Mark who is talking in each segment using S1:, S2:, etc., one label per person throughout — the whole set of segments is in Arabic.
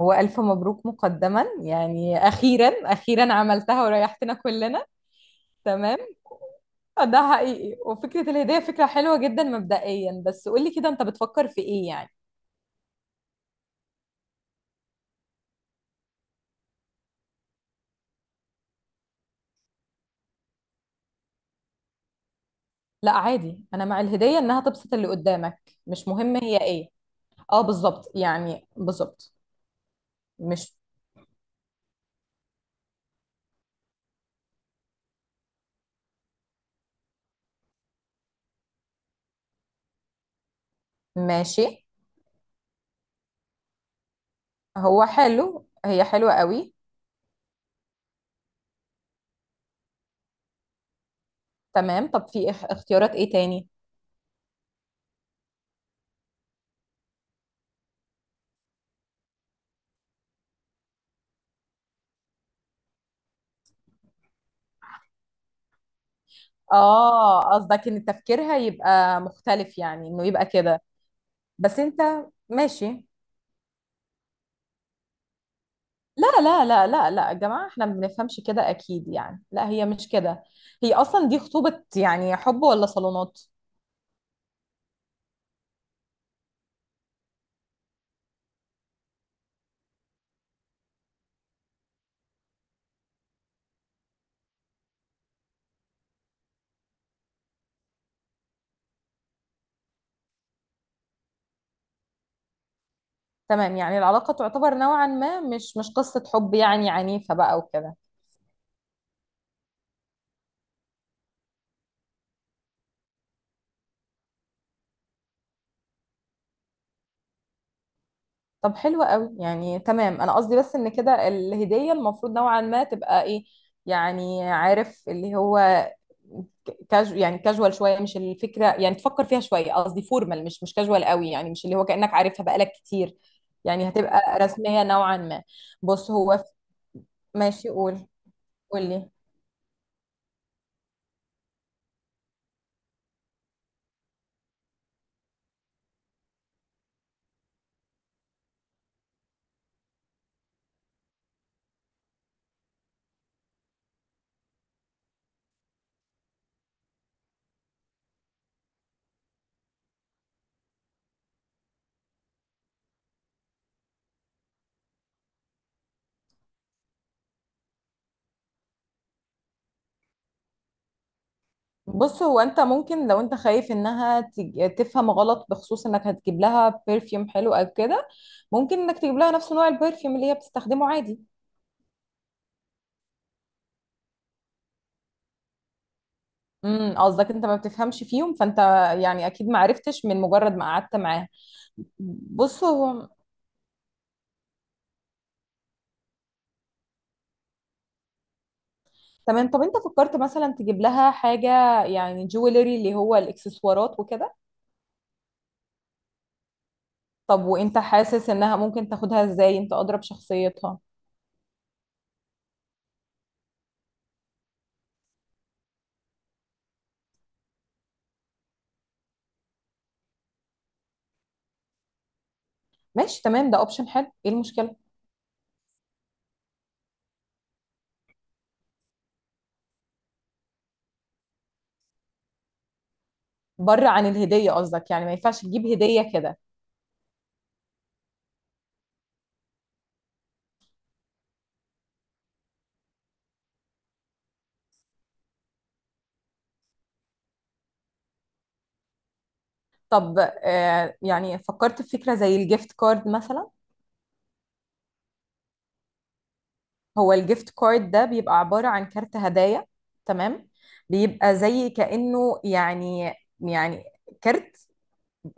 S1: هو ألف مبروك مقدما، يعني أخيرا عملتها وريحتنا كلنا. تمام. ده حقيقي، وفكرة الهدية فكرة حلوة جدا مبدئيا، بس قولي كده أنت بتفكر في إيه يعني؟ لا عادي، أنا مع الهدية إنها تبسط اللي قدامك، مش مهم هي إيه. أه بالظبط، يعني بالظبط. مش ماشي. هو حلو، هي حلوة قوي. تمام، طب في اختيارات إيه تاني؟ آه قصدك إن تفكيرها يبقى مختلف، يعني إنه يبقى كده. بس أنت ماشي. لا لا لا لا لا يا جماعة، احنا ما بنفهمش كده اكيد يعني، لا هي مش كده. هي اصلا دي خطوبة يعني، حب ولا صالونات. تمام، يعني العلاقة تعتبر نوعا ما مش قصة حب يعني عنيفة بقى وكده. طب حلو قوي يعني، تمام انا قصدي بس ان كده الهدية المفروض نوعا ما تبقى ايه، يعني عارف اللي هو كاجو يعني كاجوال شوية، مش الفكرة يعني تفكر فيها شوية، قصدي فورمال مش كاجوال قوي، يعني مش اللي هو كأنك عارفها بقالك كتير، يعني هتبقى رسمية نوعا ما. بص هو ماشي، قول، قول لي. بص هو انت ممكن لو انت خايف انها تفهم غلط بخصوص انك هتجيب لها برفيوم حلو او كده، ممكن انك تجيب لها نفس نوع البرفيوم اللي هي بتستخدمه عادي. قصدك انت ما بتفهمش فيهم فانت، يعني اكيد ما عرفتش من مجرد ما قعدت معاها. بص هو. تمام، طب انت فكرت مثلا تجيب لها حاجة، يعني جويلري اللي هو الاكسسوارات وكده؟ طب وانت حاسس انها ممكن تاخدها ازاي؟ انت اضرب شخصيتها. ماشي تمام، ده اوبشن حلو، ايه المشكلة؟ بره عن الهدية قصدك، يعني ما ينفعش تجيب هدية كده. طب آه، يعني فكرت في فكرة زي الجيفت كارد مثلا؟ هو الجيفت كارد ده بيبقى عبارة عن كارت هدايا. تمام. بيبقى زي كأنه يعني، يعني كارت،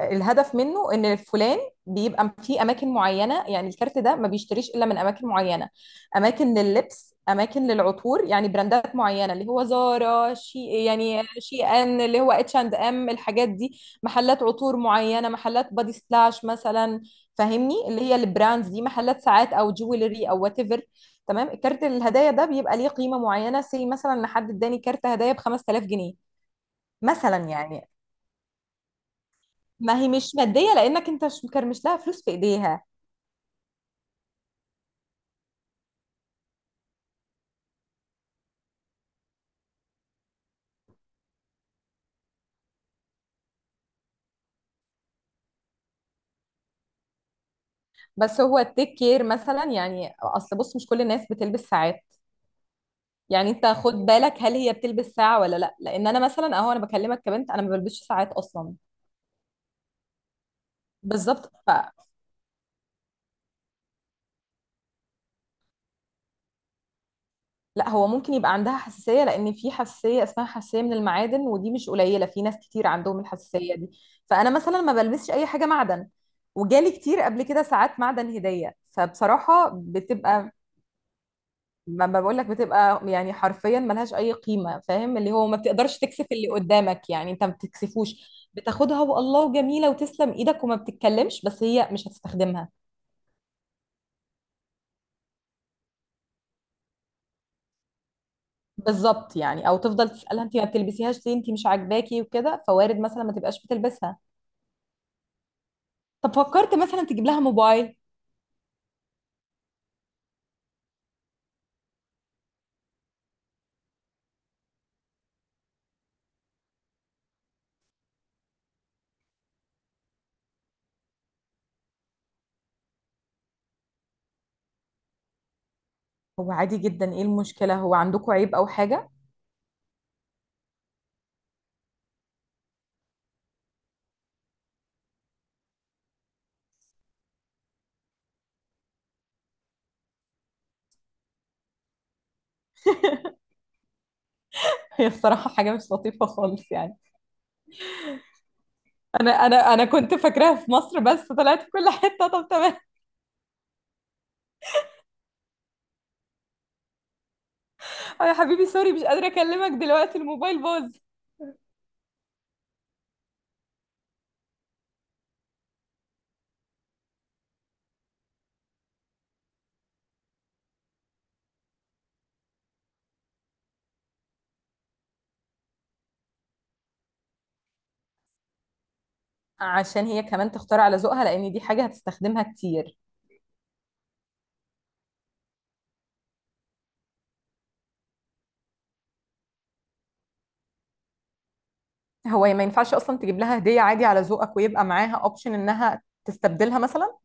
S1: الهدف منه ان فلان بيبقى في اماكن معينه، يعني الكارت ده ما بيشتريش الا من اماكن معينه، اماكن لللبس، اماكن للعطور، يعني براندات معينه اللي هو زارا، شي يعني، شي ان اللي هو اتش اند ام، الحاجات دي، محلات عطور معينه، محلات بادي سلاش مثلا. فاهمني اللي هي البراندز دي، محلات ساعات او جويلري او وات ايفر. تمام، الكارت الهدايا ده بيبقى ليه قيمه معينه، سي مثلا ان حد اداني كارت هدايا ب 5000 جنيه مثلا يعني. ما هي مش مادية لأنك أنت مش مكرمش لها فلوس في إيديها. بس هو التيك كير مثلا، يعني أصل بص مش كل الناس بتلبس ساعات، يعني أنت خد بالك هل هي بتلبس ساعة ولا لأ، لأن أنا مثلا أهو أنا بكلمك كبنت، أنا ما بلبسش ساعات أصلا. بالظبط فلا. هو ممكن يبقى عندها حساسية، لأن في حساسية اسمها حساسية من المعادن، ودي مش قليلة، في ناس كتير عندهم الحساسية دي. فأنا مثلا ما بلبسش أي حاجة معدن، وجالي كتير قبل كده ساعات معدن هدية، فبصراحة بتبقى، ما بقولك بتبقى يعني حرفيا ملهاش اي قيمه، فاهم اللي هو ما بتقدرش تكسف اللي قدامك يعني، انت ما بتكسفوش. بتاخدها والله جميله وتسلم ايدك وما بتتكلمش، بس هي مش هتستخدمها. بالظبط يعني، او تفضل تسالها انت ما بتلبسيهاش ليه، انت مش عاجباكي وكده، فوارد مثلا ما تبقاش بتلبسها. طب فكرت مثلا تجيب لها موبايل؟ هو عادي جدا، ايه المشكله، هو عندكم عيب او حاجه؟ هي بصراحه حاجه مش لطيفه خالص يعني. انا كنت فاكراها في مصر بس طلعت في كل حته، طب تمام. يا حبيبي سوري مش قادرة أكلمك دلوقتي الموبايل باظ. عشان هي كمان تختار على ذوقها، لان دي حاجه هتستخدمها كتير. هو ما ينفعش اصلا تجيب لها هديه عادي على ذوقك ويبقى معاها اوبشن انها تستبدلها مثلا؟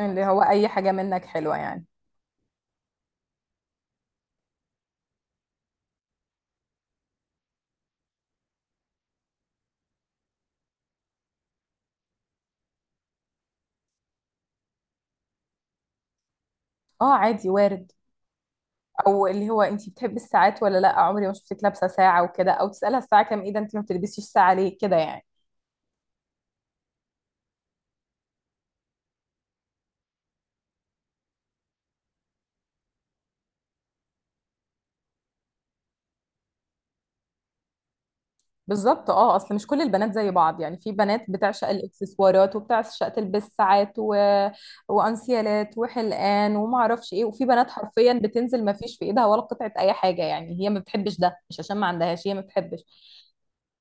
S1: اللي هو اي حاجه منك حلوه يعني. اه عادي وارد. او اللي هو انت بتحبي الساعات ولا لا عمري ما شفتك لابسه ساعه وكده، او تسالها الساعه كام، ايه ده انت ما بتلبسيش ساعه ليه كده يعني. بالظبط اه، اصل مش كل البنات زي بعض، يعني في بنات بتعشق الاكسسوارات وبتعشق تلبس ساعات و... وانسيالات وحلقان وما اعرفش ايه، وفي بنات حرفيا بتنزل ما فيش في ايدها ولا قطعه اي حاجه، يعني هي ما بتحبش ده، مش عشان ما عندهاش، هي ما بتحبش.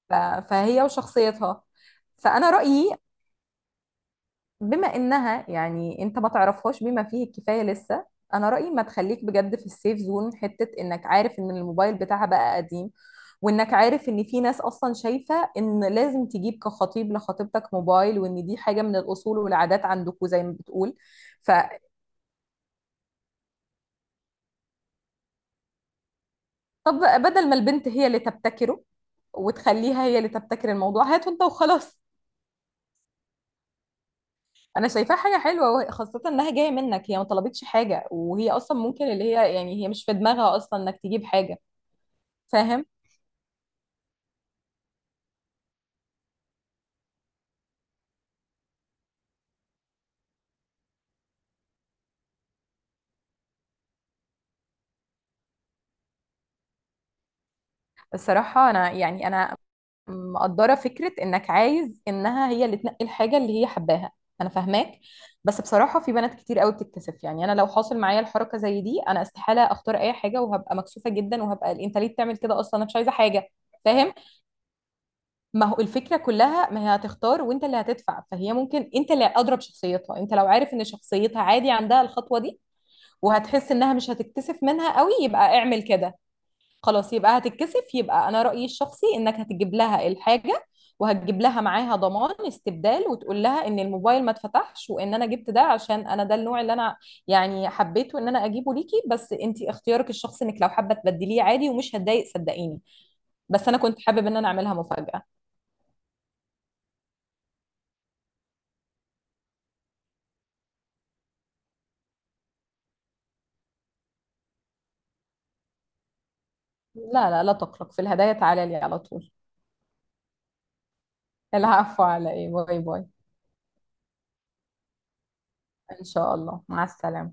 S1: ف... فهي وشخصيتها، فانا رايي بما انها يعني انت ما تعرفهاش بما فيه الكفايه لسه، انا رايي ما تخليك بجد في السيف زون، حته انك عارف ان الموبايل بتاعها بقى قديم، وانك عارف ان في ناس اصلا شايفه ان لازم تجيب كخطيب لخطيبتك موبايل، وان دي حاجه من الاصول والعادات عندكم زي ما بتقول. فطب بدل ما البنت هي اللي تبتكره وتخليها هي اللي تبتكر الموضوع، هاته انت وخلاص. انا شايفاها حاجه حلوه، خاصه انها جايه منك، هي ما طلبتش حاجه، وهي اصلا ممكن اللي هي يعني هي مش في دماغها اصلا انك تجيب حاجه. فاهم. الصراحة أنا يعني أنا مقدرة فكرة إنك عايز إنها هي اللي تنقي الحاجة اللي هي حباها. أنا فاهماك، بس بصراحة في بنات كتير قوي بتتكسف، يعني أنا لو حاصل معايا الحركة زي دي، أنا استحالة أختار أي حاجة وهبقى مكسوفة جدا، وهبقى أنت ليه بتعمل كده أصلا، أنا مش عايزة حاجة. فاهم. ما هو الفكرة كلها ما هي هتختار وأنت اللي هتدفع، فهي ممكن، أنت اللي أضرب شخصيتها، أنت لو عارف إن شخصيتها عادي عندها الخطوة دي وهتحس إنها مش هتتكسف منها قوي يبقى اعمل كده. خلاص يبقى هتتكسف، يبقى انا رأيي الشخصي انك هتجيب لها الحاجة وهتجيب لها معاها ضمان استبدال، وتقول لها ان الموبايل ما اتفتحش، وان انا جبت ده عشان انا ده النوع اللي انا يعني حبيته ان انا اجيبه ليكي، بس انت اختيارك الشخصي انك لو حابة تبدليه عادي ومش هتضايق صدقيني. بس انا كنت حابب ان انا اعملها مفاجأة. لا لا لا تقلق، في الهدايا تعالى لي على طول. العفو على ايه، باي باي. ان شاء الله، مع السلامة.